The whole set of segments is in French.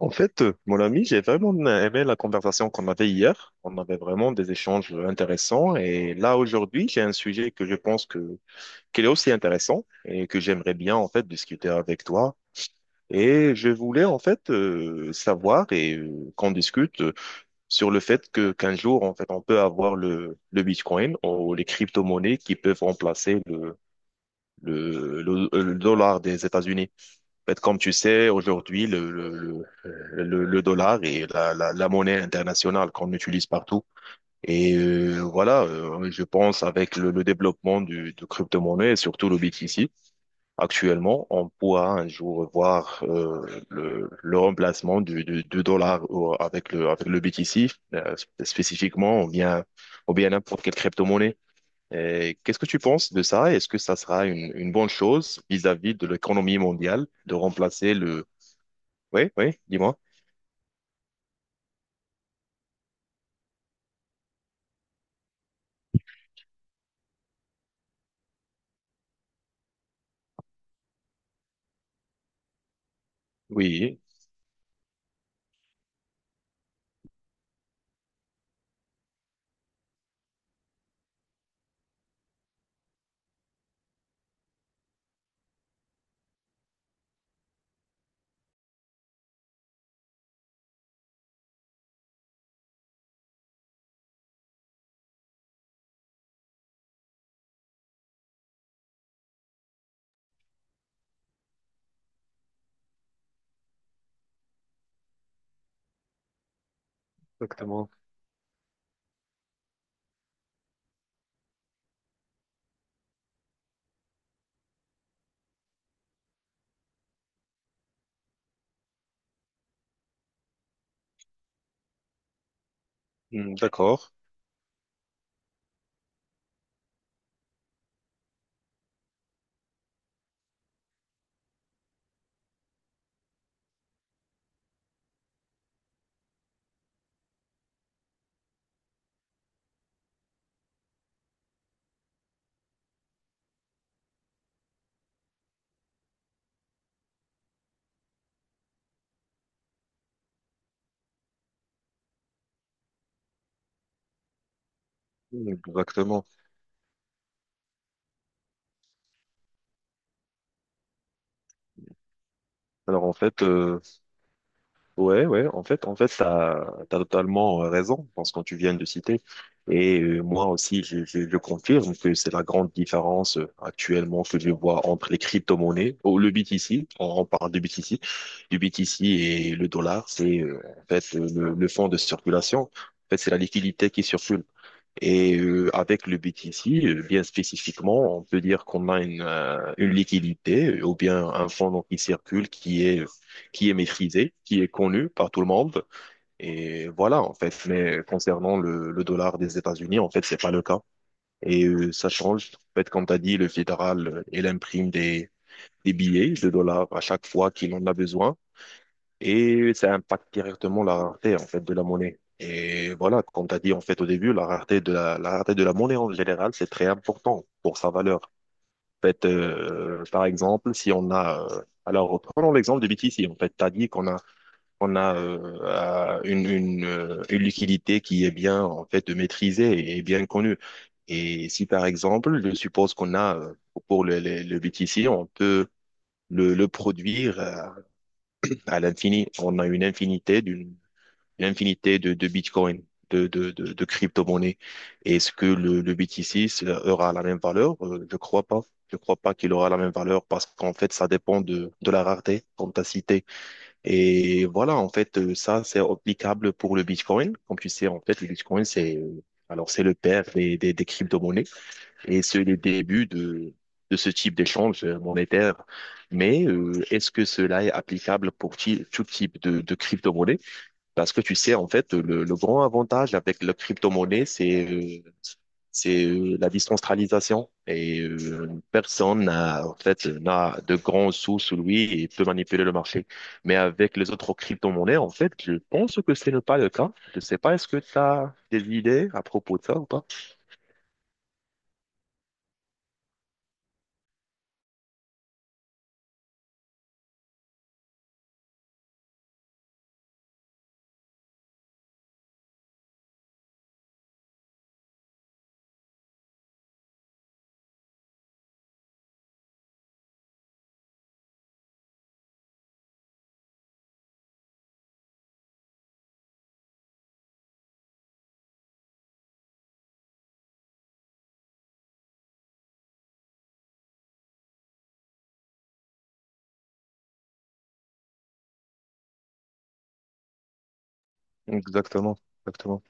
En fait, mon ami, j'ai vraiment aimé la conversation qu'on avait hier. On avait vraiment des échanges intéressants. Et là, aujourd'hui, j'ai un sujet que je pense qu'il est aussi intéressant et que j'aimerais bien, en fait, discuter avec toi. Et je voulais, en fait, savoir et qu'on discute sur le fait qu'un jour, en fait, on peut avoir le Bitcoin ou les crypto-monnaies qui peuvent remplacer le dollar des États-Unis. En fait, comme tu sais, aujourd'hui, le dollar est la monnaie internationale qu'on utilise partout. Et voilà, je pense avec le développement du, de crypto-monnaie, et surtout le BTC, actuellement, on pourra un jour voir le remplacement du dollar avec le BTC, euh, spécifiquement, ou bien n'importe quelle crypto-monnaie. Et qu'est-ce que tu penses de ça? Est-ce que ça sera une bonne chose vis-à-vis de l'économie mondiale de remplacer le. Oui, oui, dis-moi. Oui, exactement. Hmm, d'accord. Hmm, exactement. Alors en fait, ouais, ouais, en fait, t'as totalement raison dans ce que tu viens de citer. Et moi aussi, je confirme que c'est la grande différence actuellement que je vois entre les crypto-monnaies, ou le BTC, on parle de BTC, du BTC et le dollar, c'est en fait le fonds de circulation. En fait, c'est la liquidité qui circule. Et avec le BTC, bien spécifiquement, on peut dire qu'on a une liquidité ou bien un fonds donc, qui circule, qui est maîtrisé, qui est connu par tout le monde. Et voilà, en fait. Mais concernant le dollar des États-Unis, en fait, c'est pas le cas. Et ça change. En fait, comme tu as dit, le fédéral, il imprime des billets de dollars à chaque fois qu'il en a besoin et ça impacte directement la rareté en fait de la monnaie. Et voilà, comme tu as dit en fait au début, la rareté de la rareté de la monnaie en général, c'est très important pour sa valeur. En fait, par exemple, si on a alors prenons l'exemple de BTC. En fait, tu as dit qu'on a on a une liquidité qui est bien en fait maîtrisée et bien connue. Et si par exemple, je suppose qu'on a pour le BTC, on peut le produire à l'infini. On a une infinité d'une une infinité de Bitcoin, de crypto-monnaies. Est-ce que le BTC ça aura la même valeur? Je crois pas. Je crois pas qu'il aura la même valeur parce qu'en fait, ça dépend de la rareté, comme tu as cité. Et voilà, en fait, ça, c'est applicable pour le Bitcoin. Comme tu sais, en fait, le Bitcoin, c'est le père des crypto-monnaies et c'est le début de ce type d'échange monétaire. Mais est-ce que cela est applicable pour tout type de crypto monnaie parce que tu sais, en fait, le grand avantage avec la crypto-monnaie, c'est la décentralisation. Et personne n'a, en fait, n'a de grands sous sous lui et peut manipuler le marché. Mais avec les autres crypto-monnaies, en fait, je pense que ce n'est pas le cas. Je ne sais pas, est-ce que tu as des idées à propos de ça ou pas? Exactement, exactement.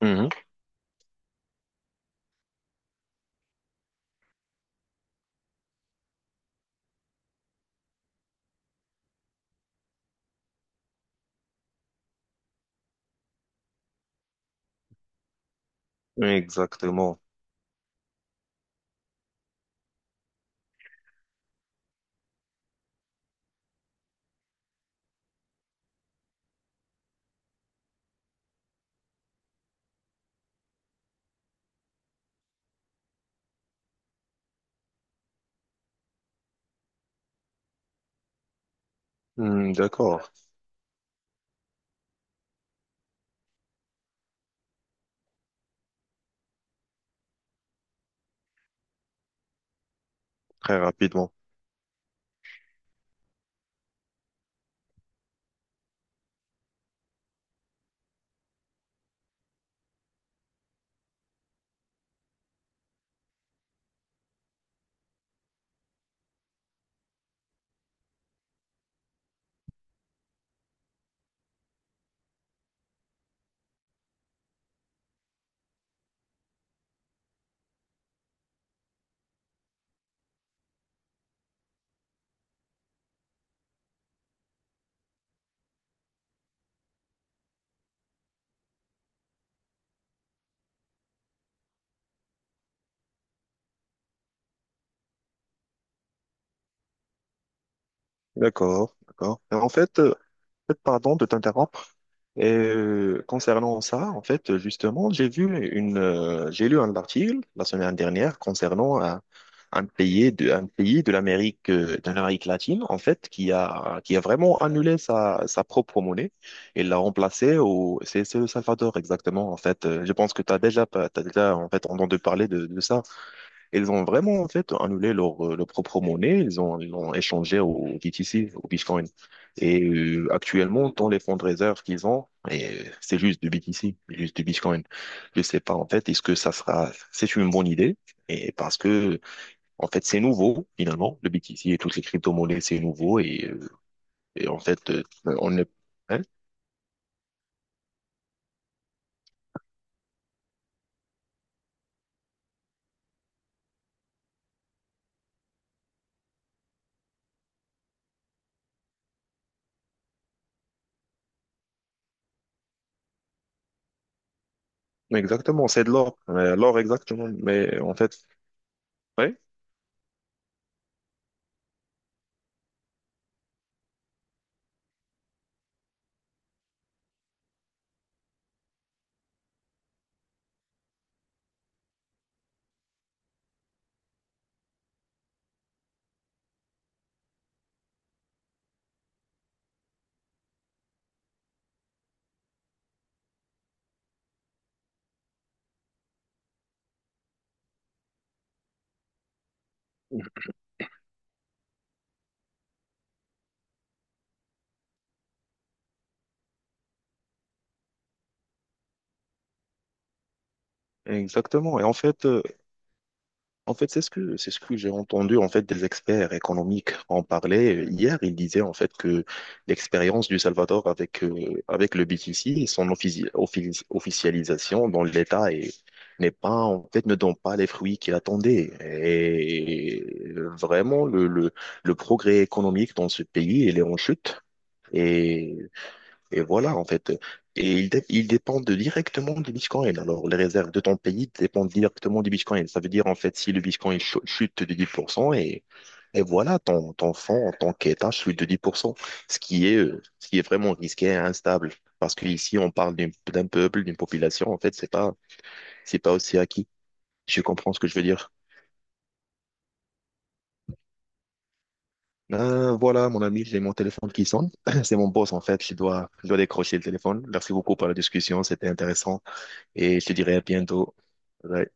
Mhm. Exactement. Hmm, d'accord, très rapidement. D'accord, d'accord. En fait, pardon de t'interrompre. Et concernant ça, en fait, justement, j'ai lu un article la semaine dernière concernant un pays de l'Amérique latine, en fait, qui a vraiment annulé sa propre monnaie et l'a remplacée c'est le Salvador, exactement, en fait. Je pense que t'as déjà, en fait, entendu parler de ça. Ils ont vraiment en fait annulé leur propre monnaie, ils l'ont échangé au BTC, au Bitcoin. Et actuellement, dans les fonds de réserve qu'ils ont, c'est juste du BTC, juste du Bitcoin. Je sais pas en fait, est-ce que c'est une bonne idée? Et parce que en fait, c'est nouveau finalement, le BTC et toutes les crypto-monnaies, c'est nouveau et en fait, on est hein. Exactement, c'est de l'or, l'or exactement, mais en fait, ouais, exactement. Et en fait, c'est ce que j'ai entendu en fait des experts économiques en parler hier. Ils disaient en fait que l'expérience du Salvador avec avec le BTC et son officialisation dans l'État n'est pas en fait ne donne pas les fruits qu'il attendait. Et vraiment le progrès économique dans ce pays il est en chute. Et et voilà, en fait. Et ils dépendent directement du Bitcoin. Alors, les réserves de ton pays dépendent directement du Bitcoin. Ça veut dire, en fait, si le Bitcoin chute de 10% et voilà, ton fonds en tant qu'État chute de 10%, ce qui est vraiment risqué et instable. Parce qu'ici, on parle d'un peuple, d'une population. En fait, c'est pas aussi acquis. Je comprends ce que je veux dire. Voilà, mon ami, j'ai mon téléphone qui sonne. C'est mon boss, en fait. Je dois décrocher le téléphone. Merci beaucoup pour la discussion. C'était intéressant. Et je te dirai à bientôt. Bye.